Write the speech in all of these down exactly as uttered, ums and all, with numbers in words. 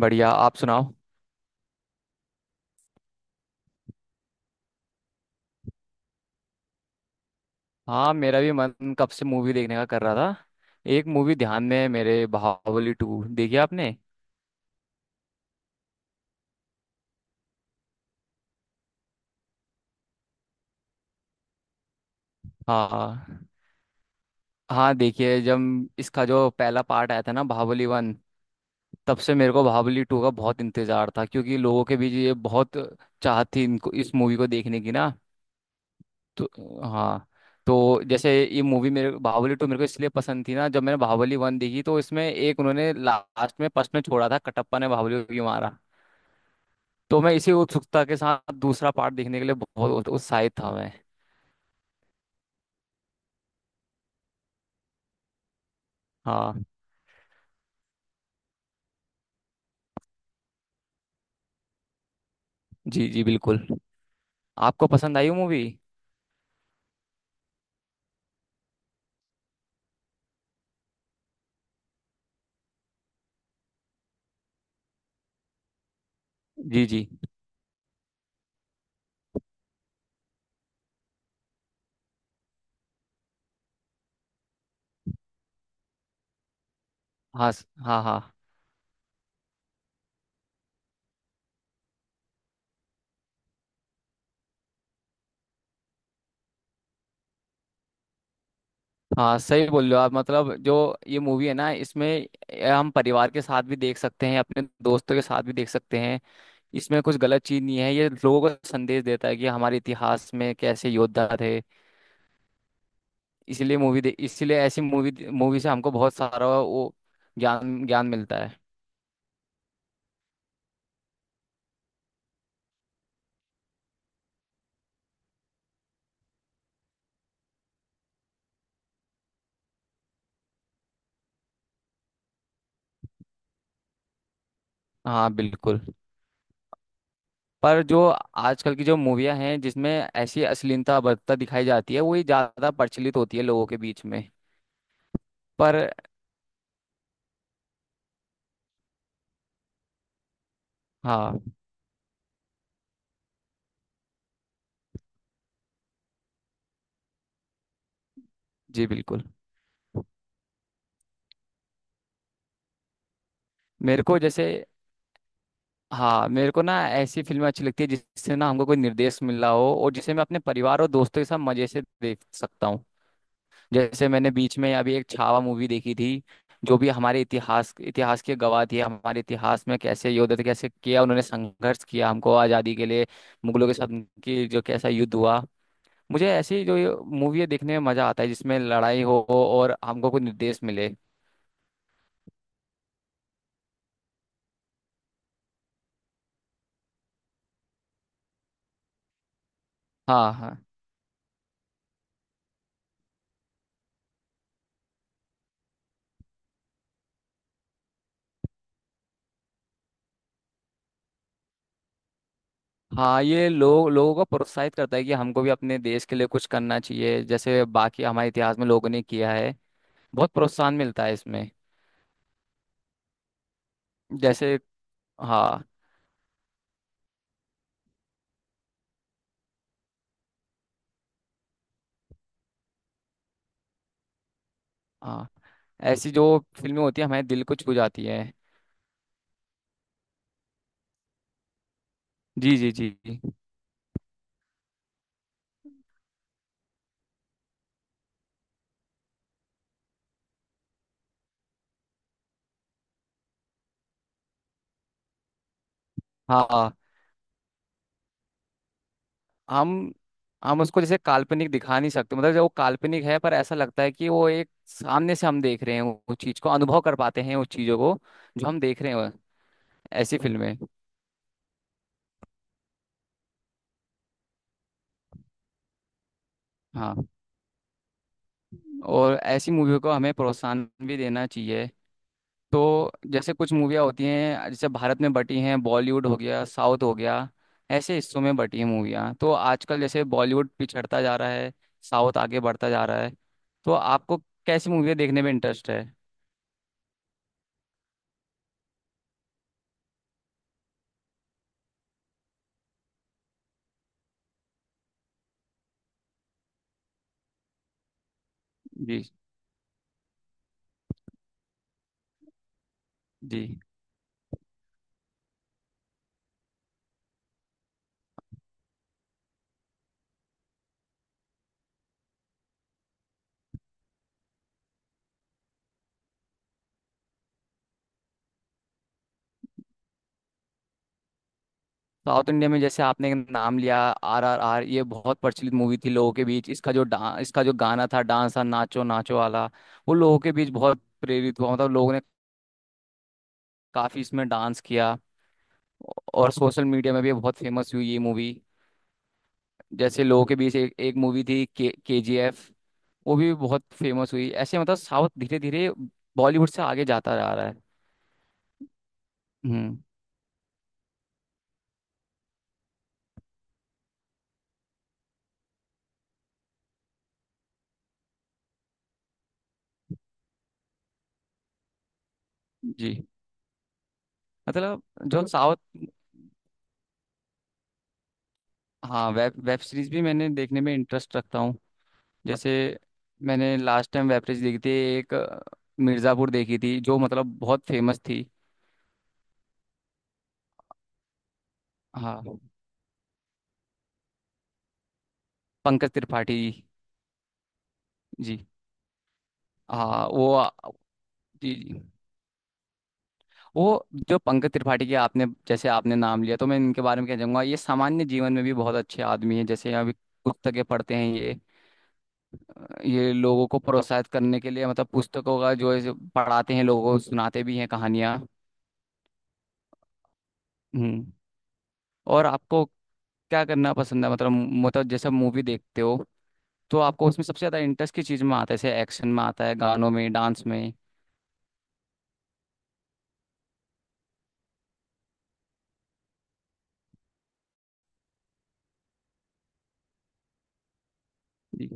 बढ़िया। आप सुनाओ। हाँ, मेरा भी मन कब से मूवी देखने का कर रहा था। एक मूवी ध्यान में है मेरे, बाहुबली टू। देखी आपने? हाँ हाँ, देखिए, जब इसका जो पहला पार्ट आया था ना, बाहुबली वन, तब से मेरे को बाहुबली टू का बहुत इंतजार था क्योंकि लोगों के बीच ये बहुत चाहत थी, इनको इस मूवी को देखने की ना। तो, हाँ, तो जैसे ये मूवी मेरे, बाहुबली टू, मेरे को इसलिए पसंद थी ना, जब मैंने बाहुबली वन देखी तो इसमें एक उन्होंने लास्ट में प्रश्न छोड़ा था, कटप्पा ने बाहुबली को क्यों मारा। तो मैं इसी उत्सुकता के साथ दूसरा पार्ट देखने के लिए बहुत उत्साहित था मैं। हाँ, जी जी, बिल्कुल। आपको पसंद आई वो मूवी? जी जी। हाँ स- हाँ हाँ। हाँ, सही बोल रहे हो आप, मतलब जो ये मूवी है ना, इसमें ए, हम परिवार के साथ भी देख सकते हैं, अपने दोस्तों के साथ भी देख सकते हैं। इसमें कुछ गलत चीज नहीं है, ये लोगों को संदेश देता है कि हमारे इतिहास में कैसे योद्धा थे। इसीलिए मूवी दे इसलिए ऐसी मूवी मूवी से हमको बहुत सारा वो ज्ञान ज्ञान मिलता है। हाँ बिल्कुल। पर जो आजकल की जो मूवियाँ हैं जिसमें ऐसी अश्लीलता बर्ता दिखाई जाती है, वही ज़्यादा प्रचलित होती है लोगों के बीच में। पर। हाँ। जी बिल्कुल। मेरे को जैसे हाँ, मेरे को ना ऐसी फिल्में अच्छी लगती है जिससे ना हमको कोई निर्देश मिल रहा हो और जिसे मैं अपने परिवार और दोस्तों के साथ मजे से देख सकता हूँ। जैसे मैंने बीच में अभी एक छावा मूवी देखी थी, जो भी हमारे इतिहास इतिहास की गवाह थी, हमारे इतिहास में कैसे योद्धा थे, कैसे किया उन्होंने, संघर्ष किया हमको आज़ादी के लिए। मुगलों के साथ उनकी जो कैसा युद्ध हुआ। मुझे ऐसी जो मूवी देखने में मजा आता है जिसमें लड़ाई हो और हमको कोई निर्देश मिले। हाँ हाँ हाँ, ये लोग लोगों को प्रोत्साहित करता है कि हमको भी अपने देश के लिए कुछ करना चाहिए जैसे बाकी हमारे इतिहास में लोगों ने किया है। बहुत प्रोत्साहन मिलता है इसमें। जैसे। हाँ हाँ। ऐसी जो फिल्में होती है हमारे दिल को छू जाती है। जी जी जी। हाँ हाँ। हम हम उसको जैसे काल्पनिक दिखा नहीं सकते, मतलब जब वो काल्पनिक है पर ऐसा लगता है कि वो एक सामने से हम देख रहे हैं, वो चीज को अनुभव कर पाते हैं उस चीजों को जो हम देख रहे हैं वो- ऐसी फिल्में। हाँ। और ऐसी मूवियों को हमें प्रोत्साहन भी देना चाहिए। तो जैसे कुछ मूवियाँ होती हैं जैसे भारत में बटी हैं, बॉलीवुड हो गया, साउथ हो गया, ऐसे हिस्सों में बटी हैं मूवियाँ। तो आजकल जैसे बॉलीवुड पिछड़ता जा रहा है, साउथ आगे बढ़ता जा रहा है। तो आपको कैसी मूवियाँ देखने में इंटरेस्ट है? जी जी। साउथ इंडिया में जैसे आपने एक नाम लिया आर आर आर, ये बहुत प्रचलित मूवी थी लोगों के बीच, इसका जो डा इसका जो गाना था, डांस था, नाचो नाचो वाला, वो लोगों के बीच बहुत प्रेरित हुआ, मतलब लोगों ने काफी इसमें डांस किया। और सोशल मीडिया में भी बहुत फेमस हुई ये मूवी। जैसे लोगों के बीच एक एक मूवी थी के के जी एफ, वो भी बहुत फेमस हुई। ऐसे मतलब साउथ धीरे धीरे बॉलीवुड से आगे जाता जा रहा है। हम्म। जी। मतलब जो साउथ। हाँ, वेब वेब सीरीज भी मैंने देखने में इंटरेस्ट रखता हूँ। जैसे मैंने लास्ट टाइम वेब सीरीज देखी थी, एक अ, मिर्ज़ापुर देखी थी, जो मतलब बहुत फेमस थी। हाँ, पंकज त्रिपाठी जी। हाँ, वो आ- जी जी। वो जो पंकज त्रिपाठी के आपने जैसे आपने नाम लिया, तो मैं इनके बारे में क्या चाहूंगा, ये सामान्य जीवन में भी बहुत अच्छे आदमी हैं, जैसे अभी पुस्तकें पढ़ते हैं ये। ये लोगों को प्रोत्साहित करने के लिए, मतलब पुस्तकों का जो है जो पढ़ाते हैं लोगों को, सुनाते भी हैं कहानियाँ। हम्म। और आपको क्या करना पसंद है, मतलब, मतलब जैसे मूवी देखते हो, तो आपको उसमें सबसे ज्यादा इंटरेस्ट किस चीज में आता है, जैसे एक्शन में आता है, गानों में, डांस में? जी।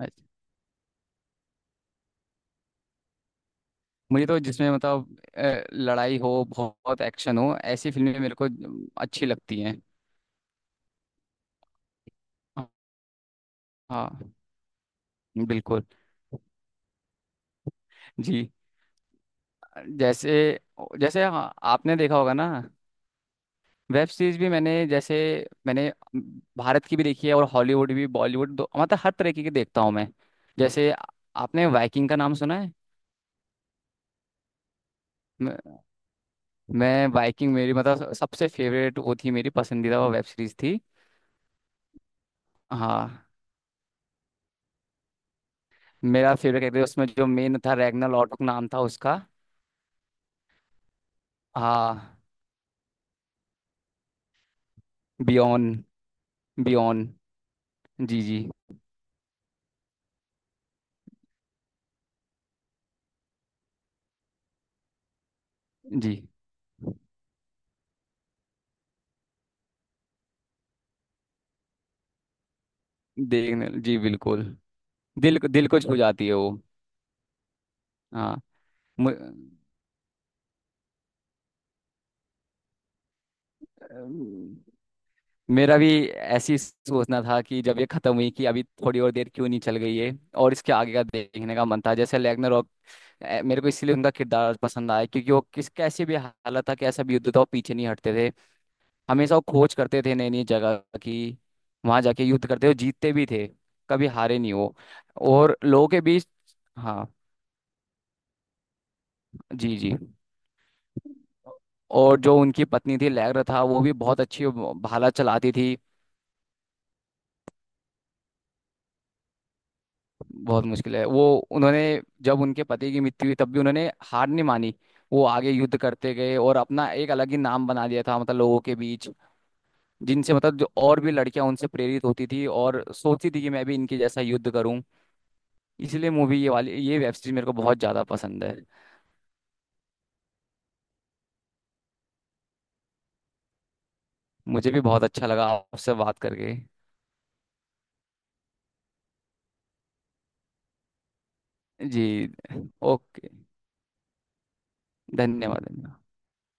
अच्छा। मुझे तो जिसमें मतलब अ, लड़ाई हो, बहुत एक्शन हो, ऐसी फिल्में मेरे को अच्छी लगती हैं। हाँ बिल्कुल। जी। जैसे। जैसे हाँ, आपने देखा होगा ना, वेब सीरीज भी मैंने जैसे मैंने भारत की भी देखी है और हॉलीवुड भी, बॉलीवुड दो, मतलब हर तरीके की देखता हूँ मैं। जैसे आपने वाइकिंग का नाम सुना है? मैं बाइकिंग, मेरी मतलब सबसे फेवरेट वो थी, मेरी पसंदीदा वो वेब सीरीज थी। हाँ, मेरा फेवरेट कैरेक्टर उसमें जो मेन था, रैग्ना लॉटबुक नाम था उसका। हाँ। बियॉन बियॉन। जी जी जी। देखने। जी बिल्कुल। दिल को दिल को छू जाती है वो। हाँ। मु- मेरा भी ऐसी सोचना था कि जब ये खत्म हुई, कि अभी थोड़ी और देर क्यों नहीं चल गई है। और इसके आगे का देखने का मन था, जैसे रैग्नारोक। अ, मेरे को इसलिए उनका किरदार पसंद आया क्योंकि वो किस कैसी भी हालत था, कैसा भी युद्ध था, वो पीछे नहीं हटते थे। हमेशा वो खोज करते थे नई नई जगह की, वहां जाके युद्ध करते, वो जीतते भी थे। कभी हारे नहीं वो। और लोगों के बीच। हाँ। जी जी। और जो उनकी पत्नी थी लैग्रा, था वो भी बहुत अच्छी भाला चलाती थी। बहुत मुश्किल है वो। उन्होंने जब उनके पति की मृत्यु हुई तब भी उन्होंने हार नहीं मानी। वो आगे युद्ध करते गए और अपना एक अलग ही नाम बना लिया था, मतलब लोगों के बीच, जिनसे मतलब जो और भी लड़कियां उनसे प्रेरित होती थी और सोचती थी कि मैं भी इनके जैसा युद्ध करूं। इसलिए मूवी ये वाली ये वेब सीरीज मेरे को बहुत ज्यादा पसंद है। मुझे भी बहुत अच्छा लगा आपसे बात करके। जी। ओके। धन्यवाद, धन्यवाद।